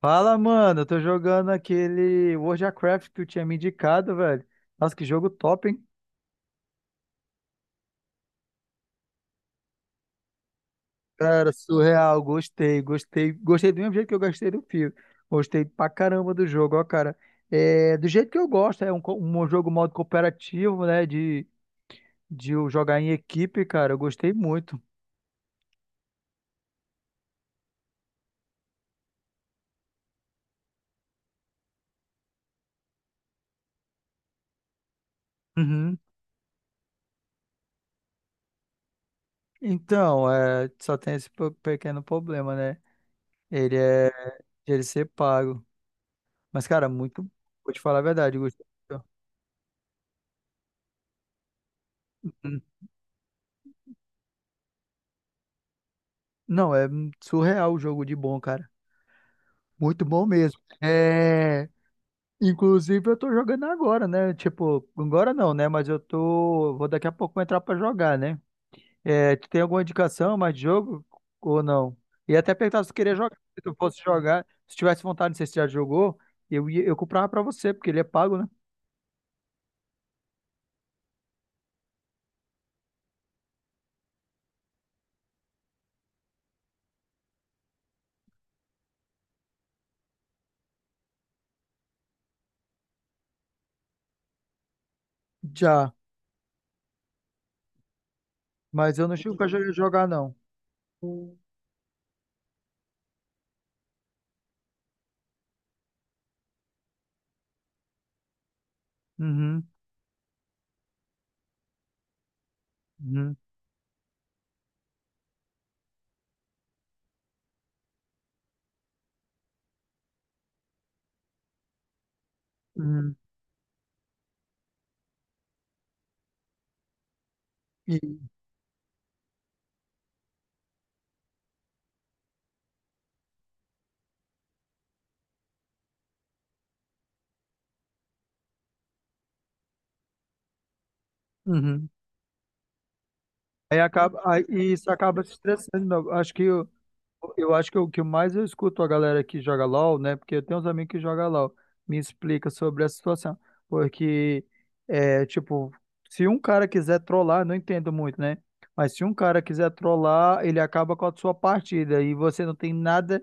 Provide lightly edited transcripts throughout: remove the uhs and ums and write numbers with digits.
Fala, mano. Eu tô jogando aquele World of Warcraft que tu tinha me indicado, velho. Nossa, que jogo top, hein? Cara, surreal. Gostei. Gostei do mesmo jeito que eu gostei do filme. Gostei pra caramba do jogo, ó, cara. É, do jeito que eu gosto, é um jogo modo cooperativo, né? De eu jogar em equipe, cara. Eu gostei muito. Uhum. Então, é, só tem esse pequeno problema, né? Ele é de ele ser pago. Mas, cara, muito. Vou te falar a verdade, eu gostei. Muito. Não, é surreal o jogo de bom, cara. Muito bom mesmo. É, inclusive eu tô jogando agora, né? Tipo, agora não, né? Mas eu tô, vou daqui a pouco entrar pra jogar, né? É, tu tem alguma indicação mais de jogo ou não? E até perguntar se tu queria jogar, se tu fosse jogar, se tivesse vontade, não sei se já jogou, eu ia, eu comprava pra você, porque ele é pago, né? Já, mas eu não chego pra jogar não. Uhum, uhum, uhum. E- uhum. Aí acaba, aí isso acaba se estressando, meu. Acho que eu acho que o que mais eu escuto a galera que joga LOL, né? Porque eu tenho uns amigos que jogam LOL, me explica sobre a situação. Porque, é, tipo, se um cara quiser trollar, não entendo muito, né? Mas se um cara quiser trollar, ele acaba com a sua partida e você não tem nada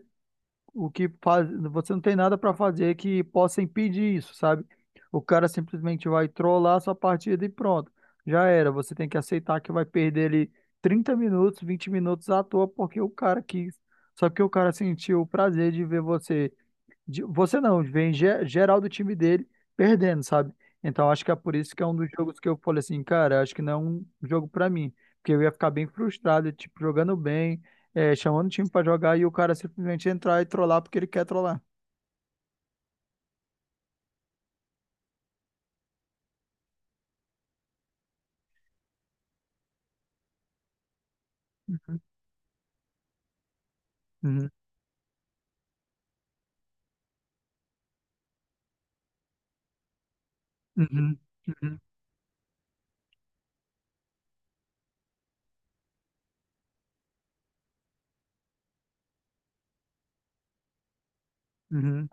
o que faz, você não tem nada para fazer que possa impedir isso, sabe? O cara simplesmente vai trollar a sua partida e pronto. Já era, você tem que aceitar que vai perder ali 30 minutos, 20 minutos à toa, porque o cara quis. Só que o cara sentiu o prazer de ver você você não, vem geral do time dele perdendo, sabe? Então acho que é por isso que é um dos jogos que eu falei assim, cara, acho que não é um jogo pra mim, porque eu ia ficar bem frustrado, tipo, jogando bem, é, chamando o time pra jogar e o cara simplesmente entrar e trollar porque ele quer trollar. Uhum, uhum, uhum, uhum, uhum.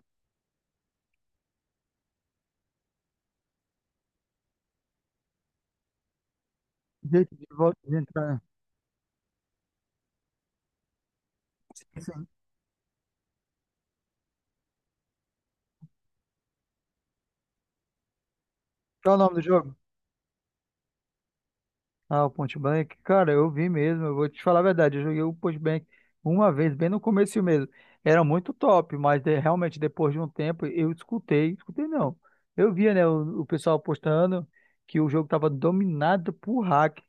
Gente, de volta de entrar. Sim. Qual é o nome do jogo? Ah, o Point Blank, cara, eu vi mesmo, eu vou te falar a verdade, eu joguei o Point Blank uma vez, bem no começo mesmo. Era muito top, mas realmente depois de um tempo eu escutei, escutei não. Eu via, né, o pessoal postando que o jogo tava dominado por hack.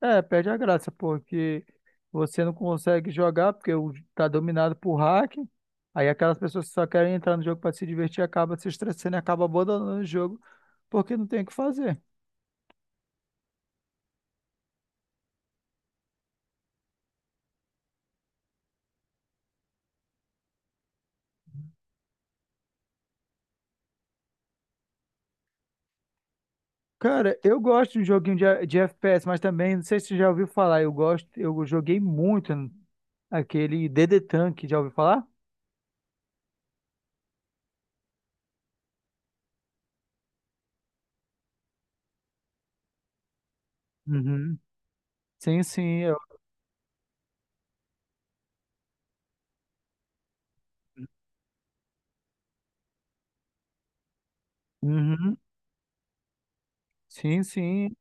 É, perde a graça, porque você não consegue jogar porque tá dominado por hack. Aí aquelas pessoas que só querem entrar no jogo para se divertir acaba se estressando e acaba abandonando o jogo porque não tem o que fazer. Cara, eu gosto de um joguinho de FPS, mas também, não sei se você já ouviu falar, eu gosto, eu joguei muito aquele DD Tank, já ouviu falar? Uhum. Sim, sim, eu... Uhum. Sim, sim.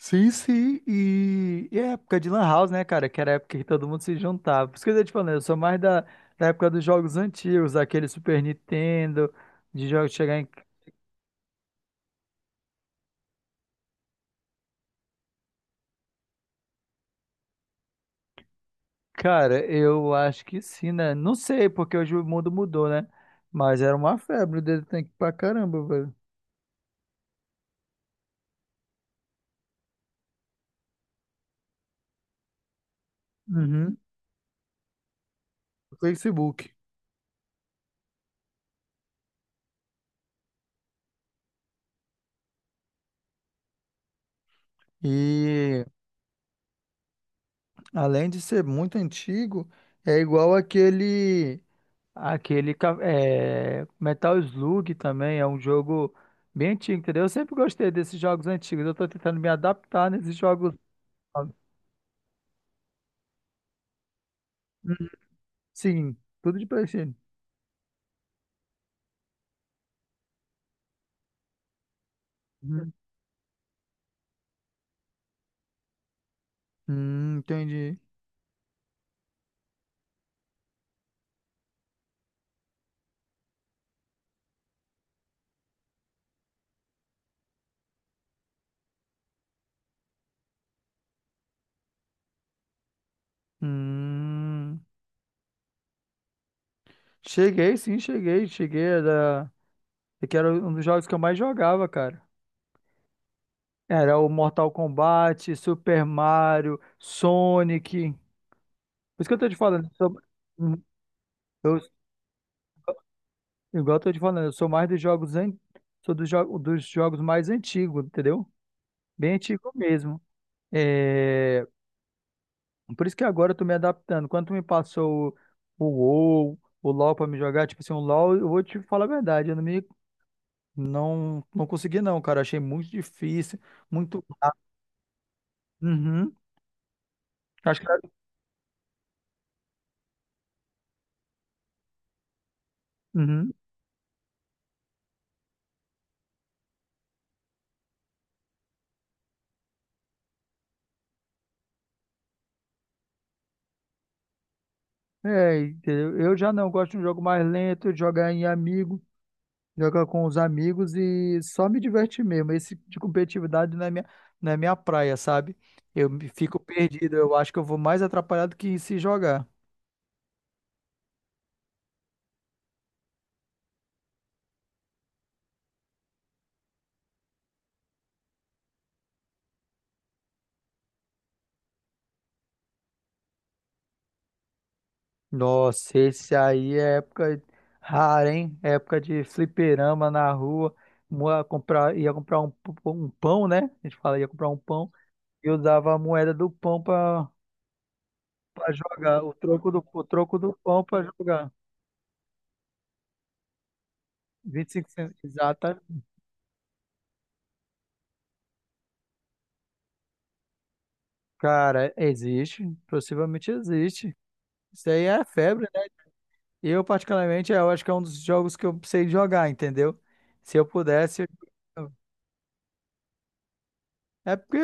Sim, sim. E é época de Lan House, né, cara? Que era a época que todo mundo se juntava. Por isso que eu tô te falando, eu sou mais da época dos jogos antigos, aquele Super Nintendo, de jogos chegar em, cara, eu acho que sim, né? Não sei, porque hoje o mundo mudou, né? Mas era uma febre dele tem que pra caramba, velho. Uhum. Facebook. E além de ser muito antigo, é igual aquele é, Metal Slug também, é um jogo bem antigo, entendeu? Eu sempre gostei desses jogos antigos. Eu tô tentando me adaptar nesses jogos novos. Uhum. Sim, tudo de PlayStation. Uhum. Entendi. Hum. Cheguei, sim, cheguei. Cheguei, era... é que era um dos jogos que eu mais jogava, cara. Era o Mortal Kombat, Super Mario, Sonic. Por isso que eu tô te falando, eu sou... eu- igual eu tô te falando, eu sou mais dos jogos, an... sou dos, jo... dos jogos mais antigos, entendeu? Bem antigo mesmo. É... Por isso que agora eu tô me adaptando. Quando tu me passou o WoW, o LoL pra me jogar, tipo assim, o LoL, eu vou te falar a verdade, eu não me... Não, não consegui não, cara. Achei muito difícil, muito. Uhum. Acho que uhum. É, entendeu? Eu já não gosto de um jogo mais lento, de jogar em amigo, jogar com os amigos e só me divertir mesmo. Esse tipo de competitividade não é minha, não é minha praia, sabe? Fico perdido, eu acho que eu vou mais atrapalhado que se jogar. Nossa, esse aí é época rara, hein? Época de fliperama na rua. Comprar, ia comprar um pão, né? A gente fala, ia comprar um pão. E eu dava a moeda do pão pra jogar o o troco do pão pra jogar. 25 centavos. Exata. Cara, existe. Possivelmente existe. Isso aí é febre, né? Eu, particularmente, eu acho que é um dos jogos que eu sei jogar, entendeu? Se eu pudesse. eu- É porque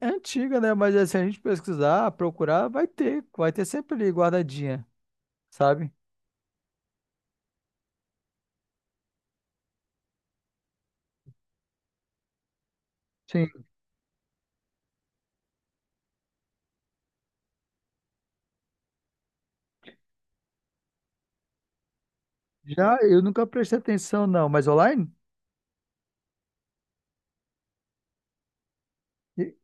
é antiga, né? Mas assim, se a gente pesquisar, procurar, vai ter. Vai ter sempre ali guardadinha, sabe? Sim. Já eu nunca prestei atenção, não. Mas online? E-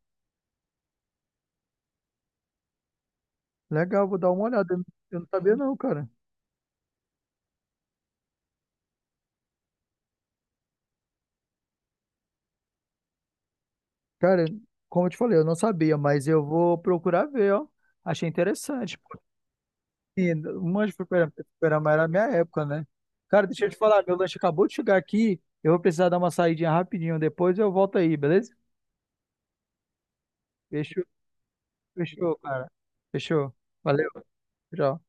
legal, vou dar uma olhada. Eu não sabia, não, cara. Cara, como eu te falei, eu não sabia, mas eu vou procurar ver, ó. Achei interessante. Porque um monte de fliperama era a minha época, né? Cara, deixa eu te falar, meu lanche acabou de chegar aqui. Eu vou precisar dar uma saidinha rapidinho. Depois eu volto aí, beleza? Fechou, fechou, cara. Fechou. Valeu, tchau.